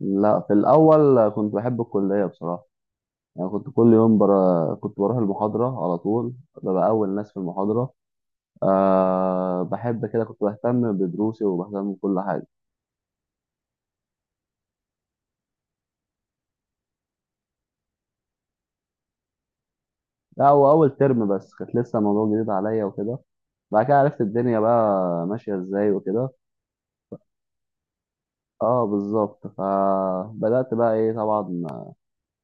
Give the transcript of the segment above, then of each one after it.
لا، في الأول كنت بحب الكلية بصراحة. يعني كنت كل يوم برا... كنت بروح المحاضرة على طول، ببقى أول ناس في المحاضرة. أه، بحب كده، كنت بهتم بدروسي وبهتم بكل حاجة. لا هو أول ترم بس كانت لسه الموضوع جديد عليا وكده. بعد كده عرفت الدنيا بقى ماشية إزاي وكده. اه بالظبط، فبدأت بقى إيه طبعا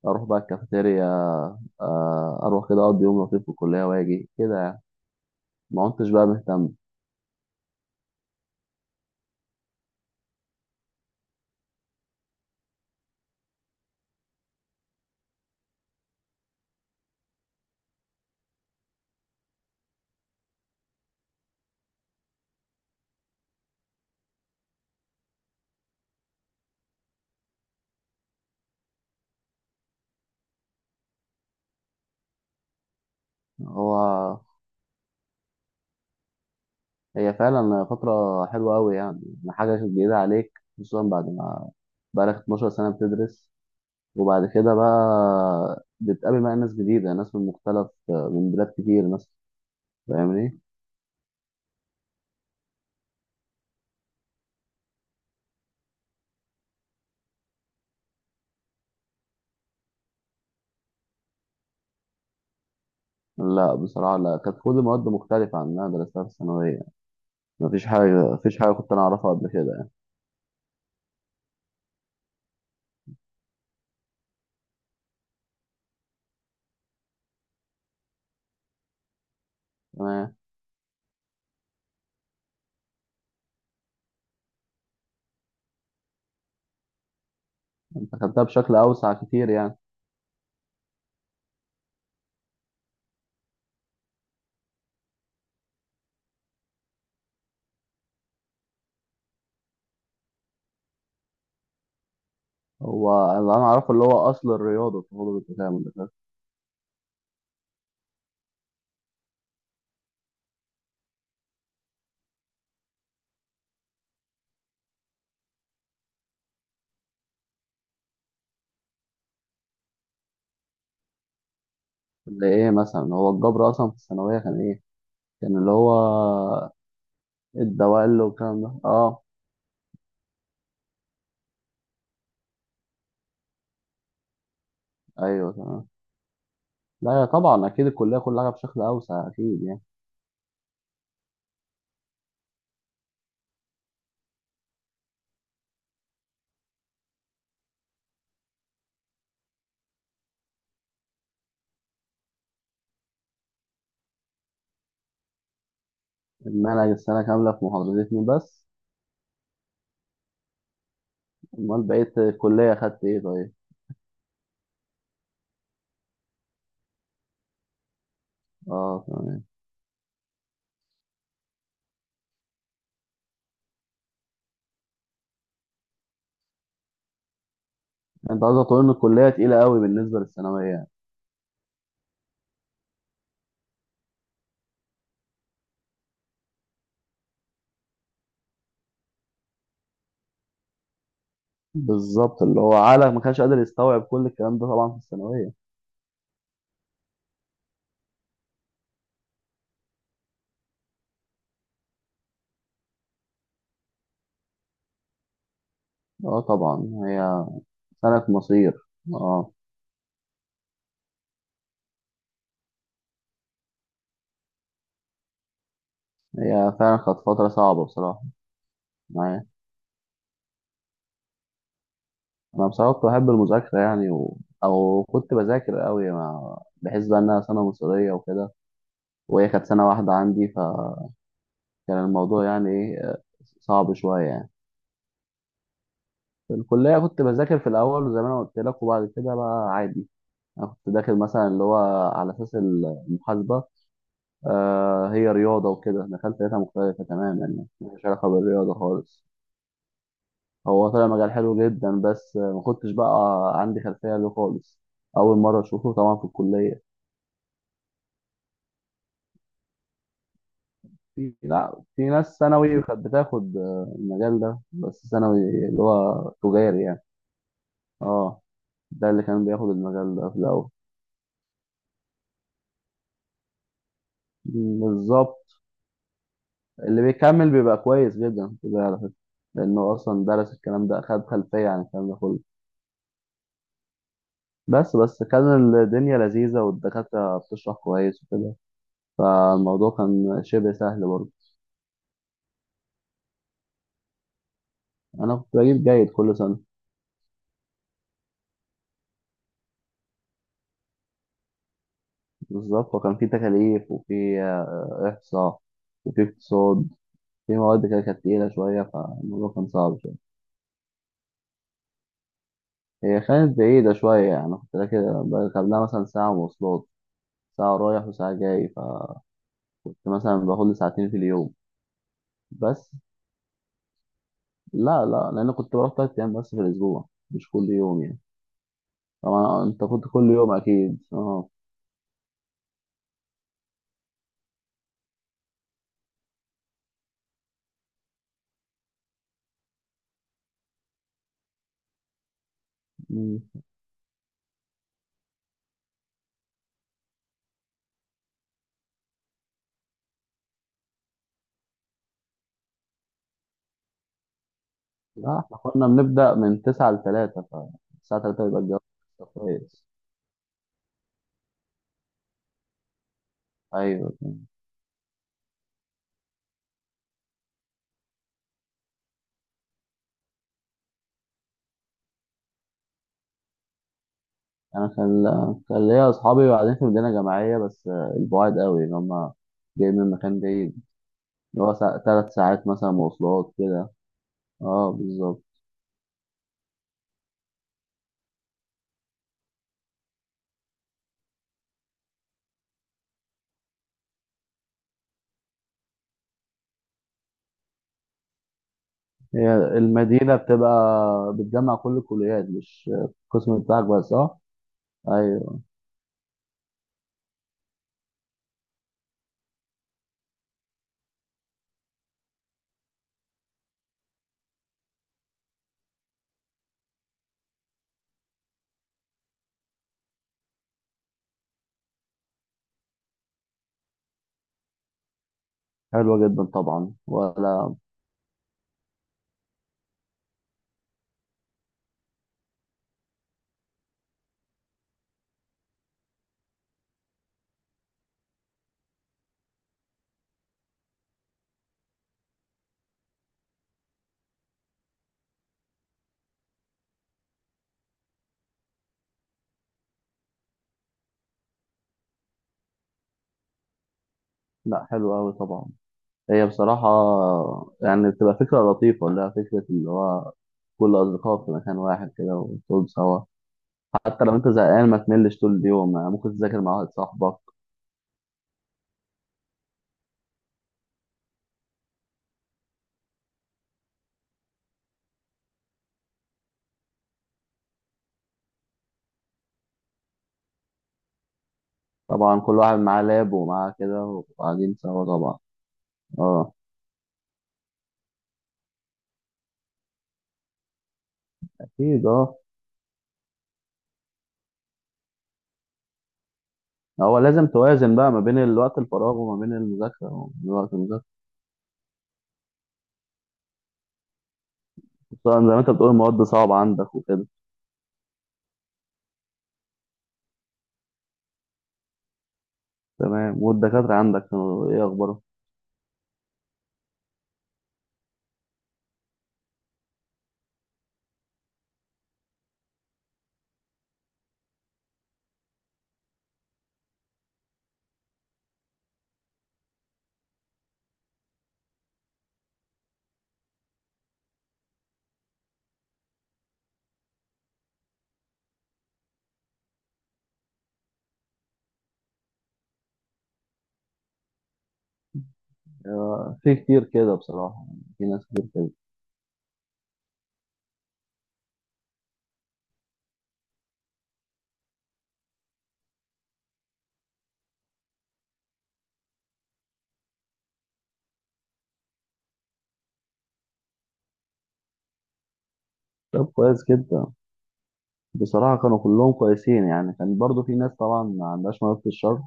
أروح بقى الكافيتيريا. آه، أروح كده أقضي يوم لطيف في الكلية وأجي كده يعني. ما كنتش بقى مهتم. هو هي فعلا فترة حلوة أوي يعني. حاجة جديدة عليك خصوصا بعد ما بقالك 12 سنة بتدرس، وبعد كده بقى بتقابل بقى ناس جديدة، ناس من مختلف من بلاد كتير ناس. فاهمني؟ لا بصراحة، لا كانت كل المواد مختلفة عن اللي أنا درستها في الثانوية. مفيش حاجة، مفيش حاجة كنت أنا أعرفها قبل كده يعني. تمام. أنت خدتها بشكل أوسع كتير يعني. هو اللي أنا أعرفه اللي هو أصل الرياضة في علوم التكامل ده. اللي إيه مثلا هو الجبر أصلا في الثانوية كان إيه؟ كان اللي هو الدوائر والكلام ده. اه ايوه تمام. لا يا طبعا اكيد الكليه كلها بشكل اوسع اكيد يعني. المنهج السنه كامله في محاضرتين بس؟ امال بقيت الكليه اخدت ايه طيب. اه تمام. انت قصدك تقول ان الكليه تقيله قوي بالنسبه للثانويه يعني. بالظبط، اللي هو عقلك ما كانش قادر يستوعب كل الكلام ده طبعا في الثانويه. اه طبعا. هي سنه مصير. اه. هي فعلا كانت فتره صعبه بصراحه. معايا، انا بصراحه كنت بحب المذاكره يعني و... او كنت بذاكر قوي مع... بحس بقى انها سنه مصيريه وكده. وهي كانت سنة واحدة عندي فكان الموضوع يعني إيه صعب شوية يعني. في الكلية كنت بذاكر في الأول زي ما أنا قلت لك، وبعد كده بقى عادي. أنا كنت داخل مثلا اللي هو على أساس المحاسبة. آه هي رياضة وكده، دخلت لقيتها مختلفة تماما يعني، ملهاش علاقة بالرياضة خالص. هو طلع مجال حلو جدا بس ما كنتش بقى عندي خلفية له خالص. أول مرة أشوفه طبعا في الكلية. في، لا في ناس ثانوي كانت بتاخد المجال ده بس ثانوي، اللي هو تجاري يعني. اه، ده اللي كان بياخد المجال ده في الاول. بالظبط. اللي بيكمل بيبقى كويس جدا في ده على فكره، لانه اصلا درس الكلام ده، خد خلفيه عن الكلام ده كله. بس كان الدنيا لذيذه والدكاتره بتشرح كويس وكده، فالموضوع كان شبه سهل برضه. انا كنت بجيب جيد كل سنه. بالظبط، وكان في تكاليف وفي احصاء، وفي اقتصاد، في مواد كده كانت تقيله شويه، فالموضوع كان صعب شويه. هي كانت بعيده شويه يعني، أنا كنت راكب قبلها مثلا ساعه مواصلات، ساعة رايح وساعة جاي، فكنت مثلا باخد لي ساعتين في اليوم. بس لا، لا لأن كنت بروح تلات أيام بس في الأسبوع، مش كل يوم يعني. طبعا أنت كنت كل يوم أكيد، أه. مم. لا إحنا كنا بنبدأ من تسعة لتلاتة، فالساعة تلاتة يبقى الجو كويس. أيوه. أنا كان كان ليا أصحابي، وبعدين في مدينة جامعية بس البعاد قوي، اللي هما جايين من مكان بعيد، اللي هو سا... تلات ساعات مثلا مواصلات كده. أه بالظبط. هي المدينة بتبقى بتجمع كل الكليات، مش القسم بتاعك بس، اه ايوه. حلوة جدا طبعا ولا؟ لا حلوة أوي طبعا. هي بصراحة يعني بتبقى فكرة لطيفة، اللي هي فكرة اللي هو كل أصدقائك في مكان واحد كده وتقعدوا سوا. حتى لو أنت زهقان ما تملش طول اليوم يعني، ممكن تذاكر مع واحد صاحبك. طبعا كل واحد معاه لاب ومعاه كده وقاعدين سوا طبعا. اه. أكيد اه. هو لازم توازن بقى ما بين الوقت الفراغ وما بين المذاكرة وما بين الوقت المذاكرة. طبعا، زي ما انت بتقول المواد صعبة عندك وكده. تمام. والدكاترة عندك كانوا ايه اخبارهم؟ آه، في كتير كده بصراحة يعني، في ناس كتير كده. طب كويس جدا. بصراحة كانوا كلهم كويسين يعني، كان برضو في ناس طبعا ما عندهاش مواد في الشرح،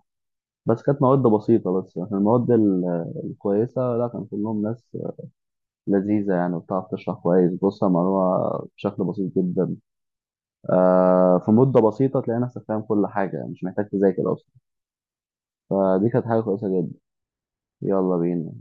بس كانت مواد بسيطة. بس لكن المواد ال- الكويسة لا، كان كلهم ناس لذيذة يعني، وبتعرف تشرح كويس، بص على المعلومة بشكل بسيط جدا. آه، في مدة بسيطة تلاقي نفسك فاهم كل حاجة يعني، مش محتاج تذاكر أصلا. فدي كانت حاجة كويسة جدا. يلا بينا.